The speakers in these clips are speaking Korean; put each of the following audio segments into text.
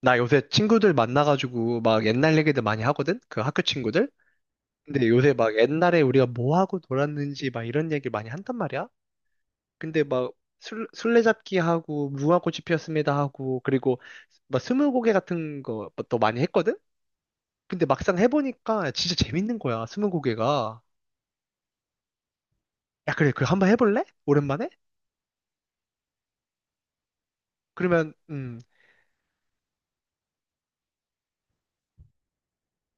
나 요새 친구들 만나가지고 막 옛날 얘기들 많이 하거든? 그 학교 친구들? 근데 요새 막 옛날에 우리가 뭐 하고 놀았는지 막 이런 얘기를 많이 한단 말이야? 근데 막 술래잡기 하고 무궁화꽃이 피었습니다 하고 그리고 막 스무고개 같은 것도 많이 했거든? 근데 막상 해보니까 진짜 재밌는 거야, 스무고개가. 야, 그래, 그 한번 해볼래? 오랜만에? 그러면, 음,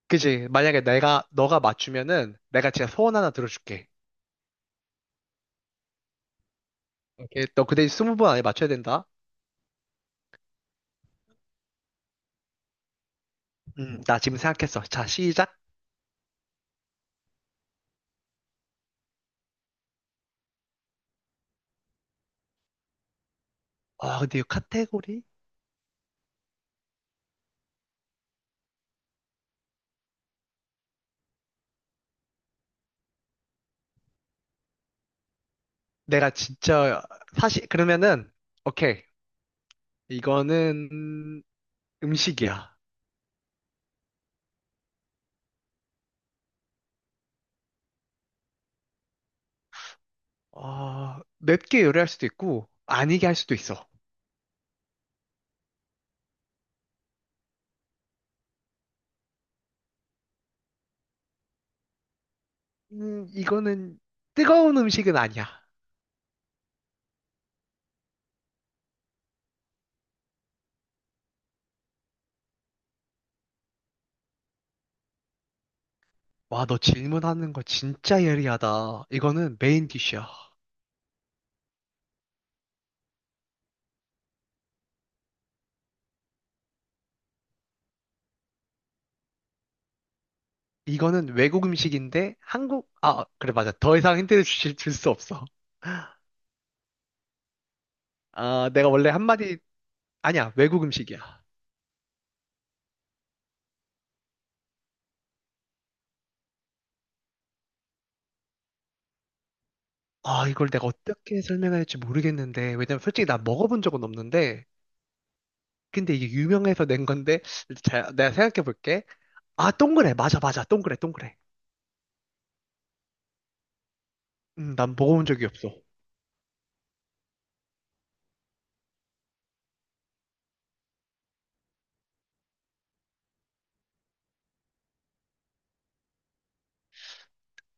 그지. 만약에 내가, 너가 맞추면은 내가 진짜 소원 하나 들어줄게. 오케이. 너 그 대신 20번 안에 맞춰야 된다. 나 지금 생각했어. 자, 시작. 아, 근데 이 카테고리? 내가 진짜, 사실, 그러면은, 오케이. 이거는 음식이야. 어, 맵게 요리할 수도 있고, 아니게 할 수도 있어. 이거는 뜨거운 음식은 아니야. 와, 너 질문하는 거 진짜 예리하다. 이거는 메인 디쉬야. 이거는 외국 음식인데, 한국, 아, 그래, 맞아. 더 이상 힌트를 줄 수 없어. 아, 내가 원래 한마디, 아니야, 외국 음식이야. 아, 이걸 내가 어떻게 설명해야 될지 모르겠는데, 왜냐면 솔직히 나 먹어본 적은 없는데, 근데 이게 유명해서 낸 건데, 자, 내가 생각해 볼게. 아, 동그래. 맞아, 맞아. 동그래, 동그래. 난 먹어본 적이 없어.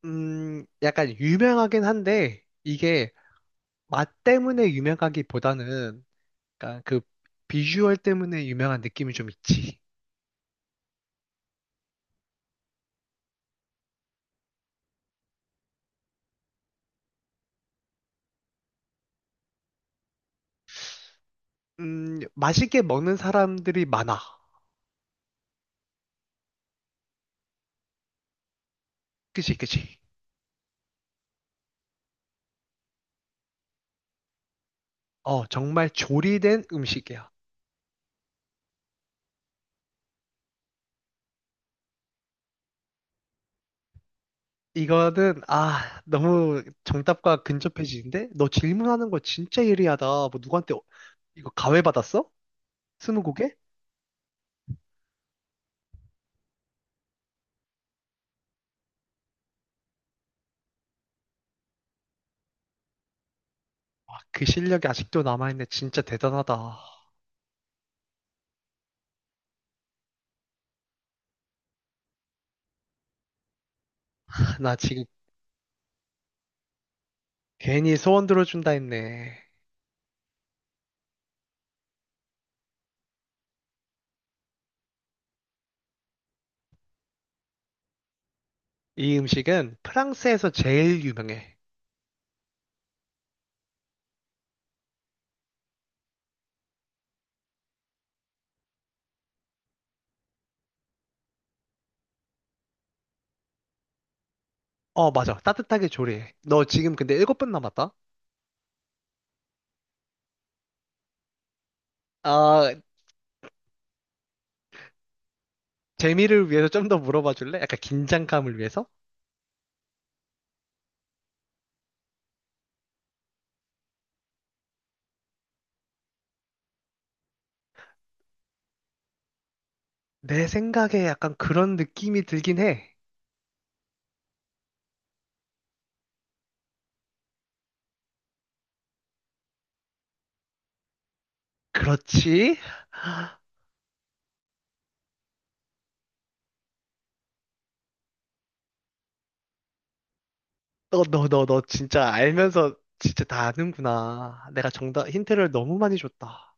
약간 유명하긴 한데, 이게 맛 때문에 유명하기보다는, 약간 그 비주얼 때문에 유명한 느낌이 좀 있지. 맛있게 먹는 사람들이 많아. 그치, 그치. 어, 정말 조리된 음식이야. 이거는, 아, 너무 정답과 근접해지는데? 너 질문하는 거 진짜 예리하다. 뭐 누구한테 이거 가회 받았어? 스무고개? 와, 그 실력이 아직도 남아있네. 진짜 대단하다. 나 지금 괜히 소원 들어준다 했네. 이 음식은 프랑스에서 제일 유명해. 어, 맞아. 따뜻하게 조리해. 너 지금 근데 7분 남았다? 아, 재미를 위해서 좀 더 물어봐 줄래? 약간 긴장감을 위해서? 내 생각에 약간 그런 느낌이 들긴 해. 그렇지? 너, 너, 너, 너 진짜 알면서 진짜 다 아는구나. 내가 정답, 힌트를 너무 많이 줬다.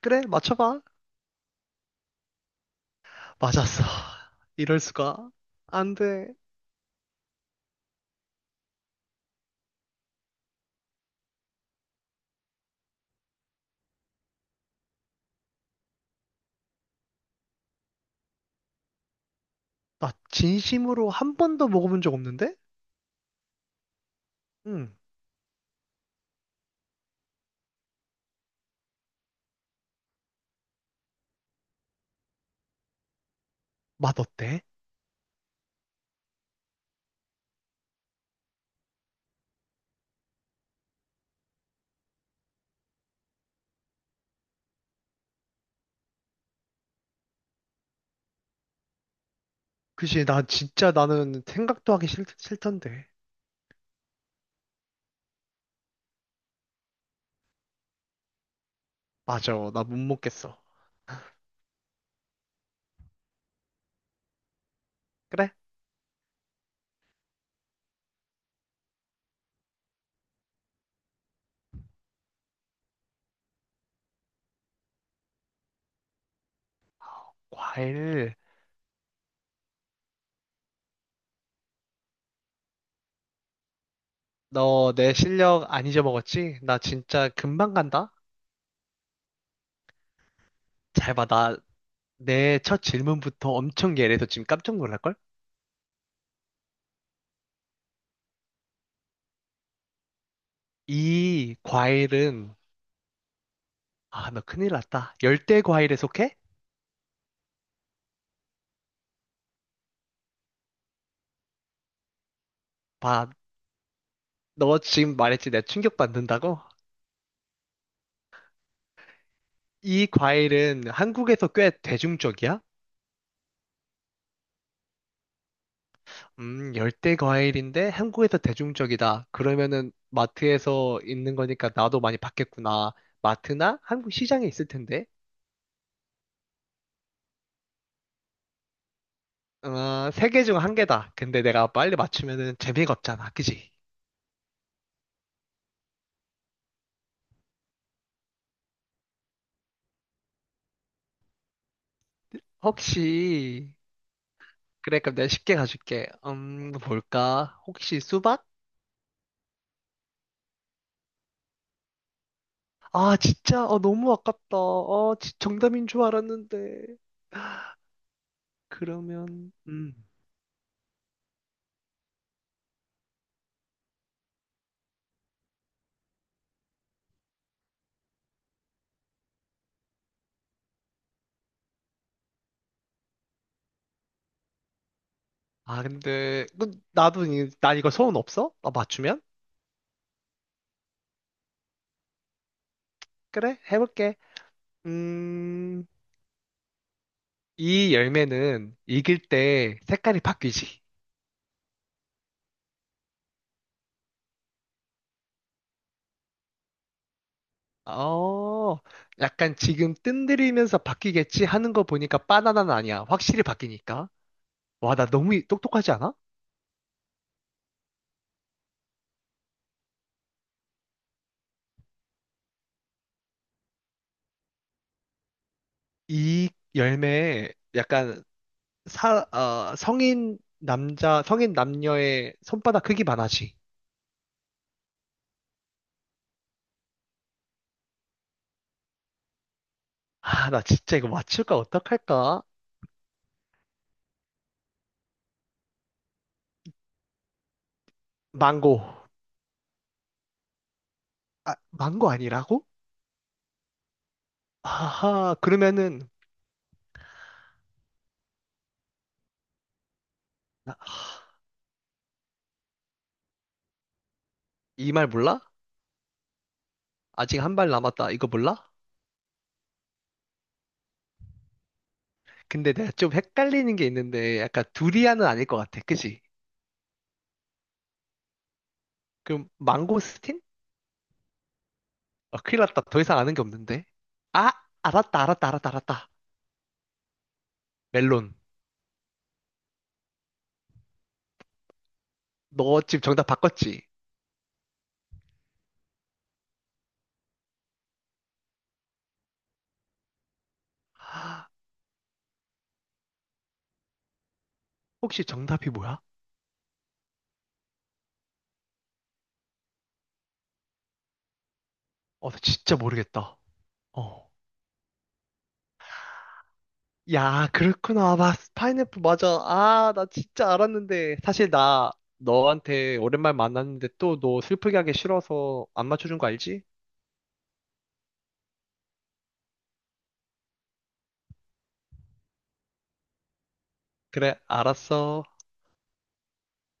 그래, 맞춰봐. 맞았어. 이럴 수가. 안 돼. 나 진심으로 한 번도 먹어본 적 없는데? 응. 맛 어때? 그치, 나 진짜 나는 생각도 하기 싫던데. 맞아, 나 못 먹겠어. 그래? 과일. 너 내 실력 안 잊어먹었지? 나 진짜 금방 간다? 잘 봐, 나 내 첫 질문부터 엄청 예리해서 지금 깜짝 놀랄걸? 이 과일은, 아, 너 큰일 났다. 열대 과일에 속해? 봐, 너 지금 말했지. 내가 충격받는다고? 이 과일은 한국에서 꽤 대중적이야? 열대 과일인데 한국에서 대중적이다. 그러면은 마트에서 있는 거니까 나도 많이 봤겠구나. 마트나 한국 시장에 있을 텐데. 어, 3개 중 한 개다. 근데 내가 빨리 맞추면은 재미가 없잖아. 그지? 혹시, 그래, 그럼 내가 쉽게 가줄게. 뭘까? 혹시 수박? 아, 진짜? 아, 너무 아깝다. 아, 정답인 줄 알았는데. 그러면, 아, 근데, 그, 나도, 난 이거 소원 없어? 아, 맞추면? 그래, 해볼게. 음, 이 열매는 익을 때 색깔이 바뀌지. 어, 약간 지금 뜬들이면서 바뀌겠지 하는 거 보니까 바나나는 아니야. 확실히 바뀌니까. 와, 나 너무 똑똑하지 않아? 이 열매에 약간 성인 남자, 성인 남녀의 손바닥 크기만 하지. 아, 나 진짜 이거 맞출까 어떡할까? 망고. 아, 망고 아니라고? 아하, 그러면은, 이 말 몰라? 아직 1발 남았다. 이거 몰라? 근데 내가 좀 헷갈리는 게 있는데, 약간 두리안은 아닐 것 같아. 그지? 그럼 망고스틴? 아, 큰일 났다. 더 이상 아는 게 없는데. 아, 알았다, 알았다, 알았다, 알았다. 멜론. 너 지금 정답 바꿨지? 아, 혹시 정답이 뭐야? 어, 나 진짜 모르겠다. 어. 야, 그렇구나. 아, 파인애플 맞아. 아, 나 진짜 알았는데. 사실 나 너한테 오랜만에 만났는데 또 너 슬프게 하기 싫어서 안 맞춰준 거 알지? 그래, 알았어.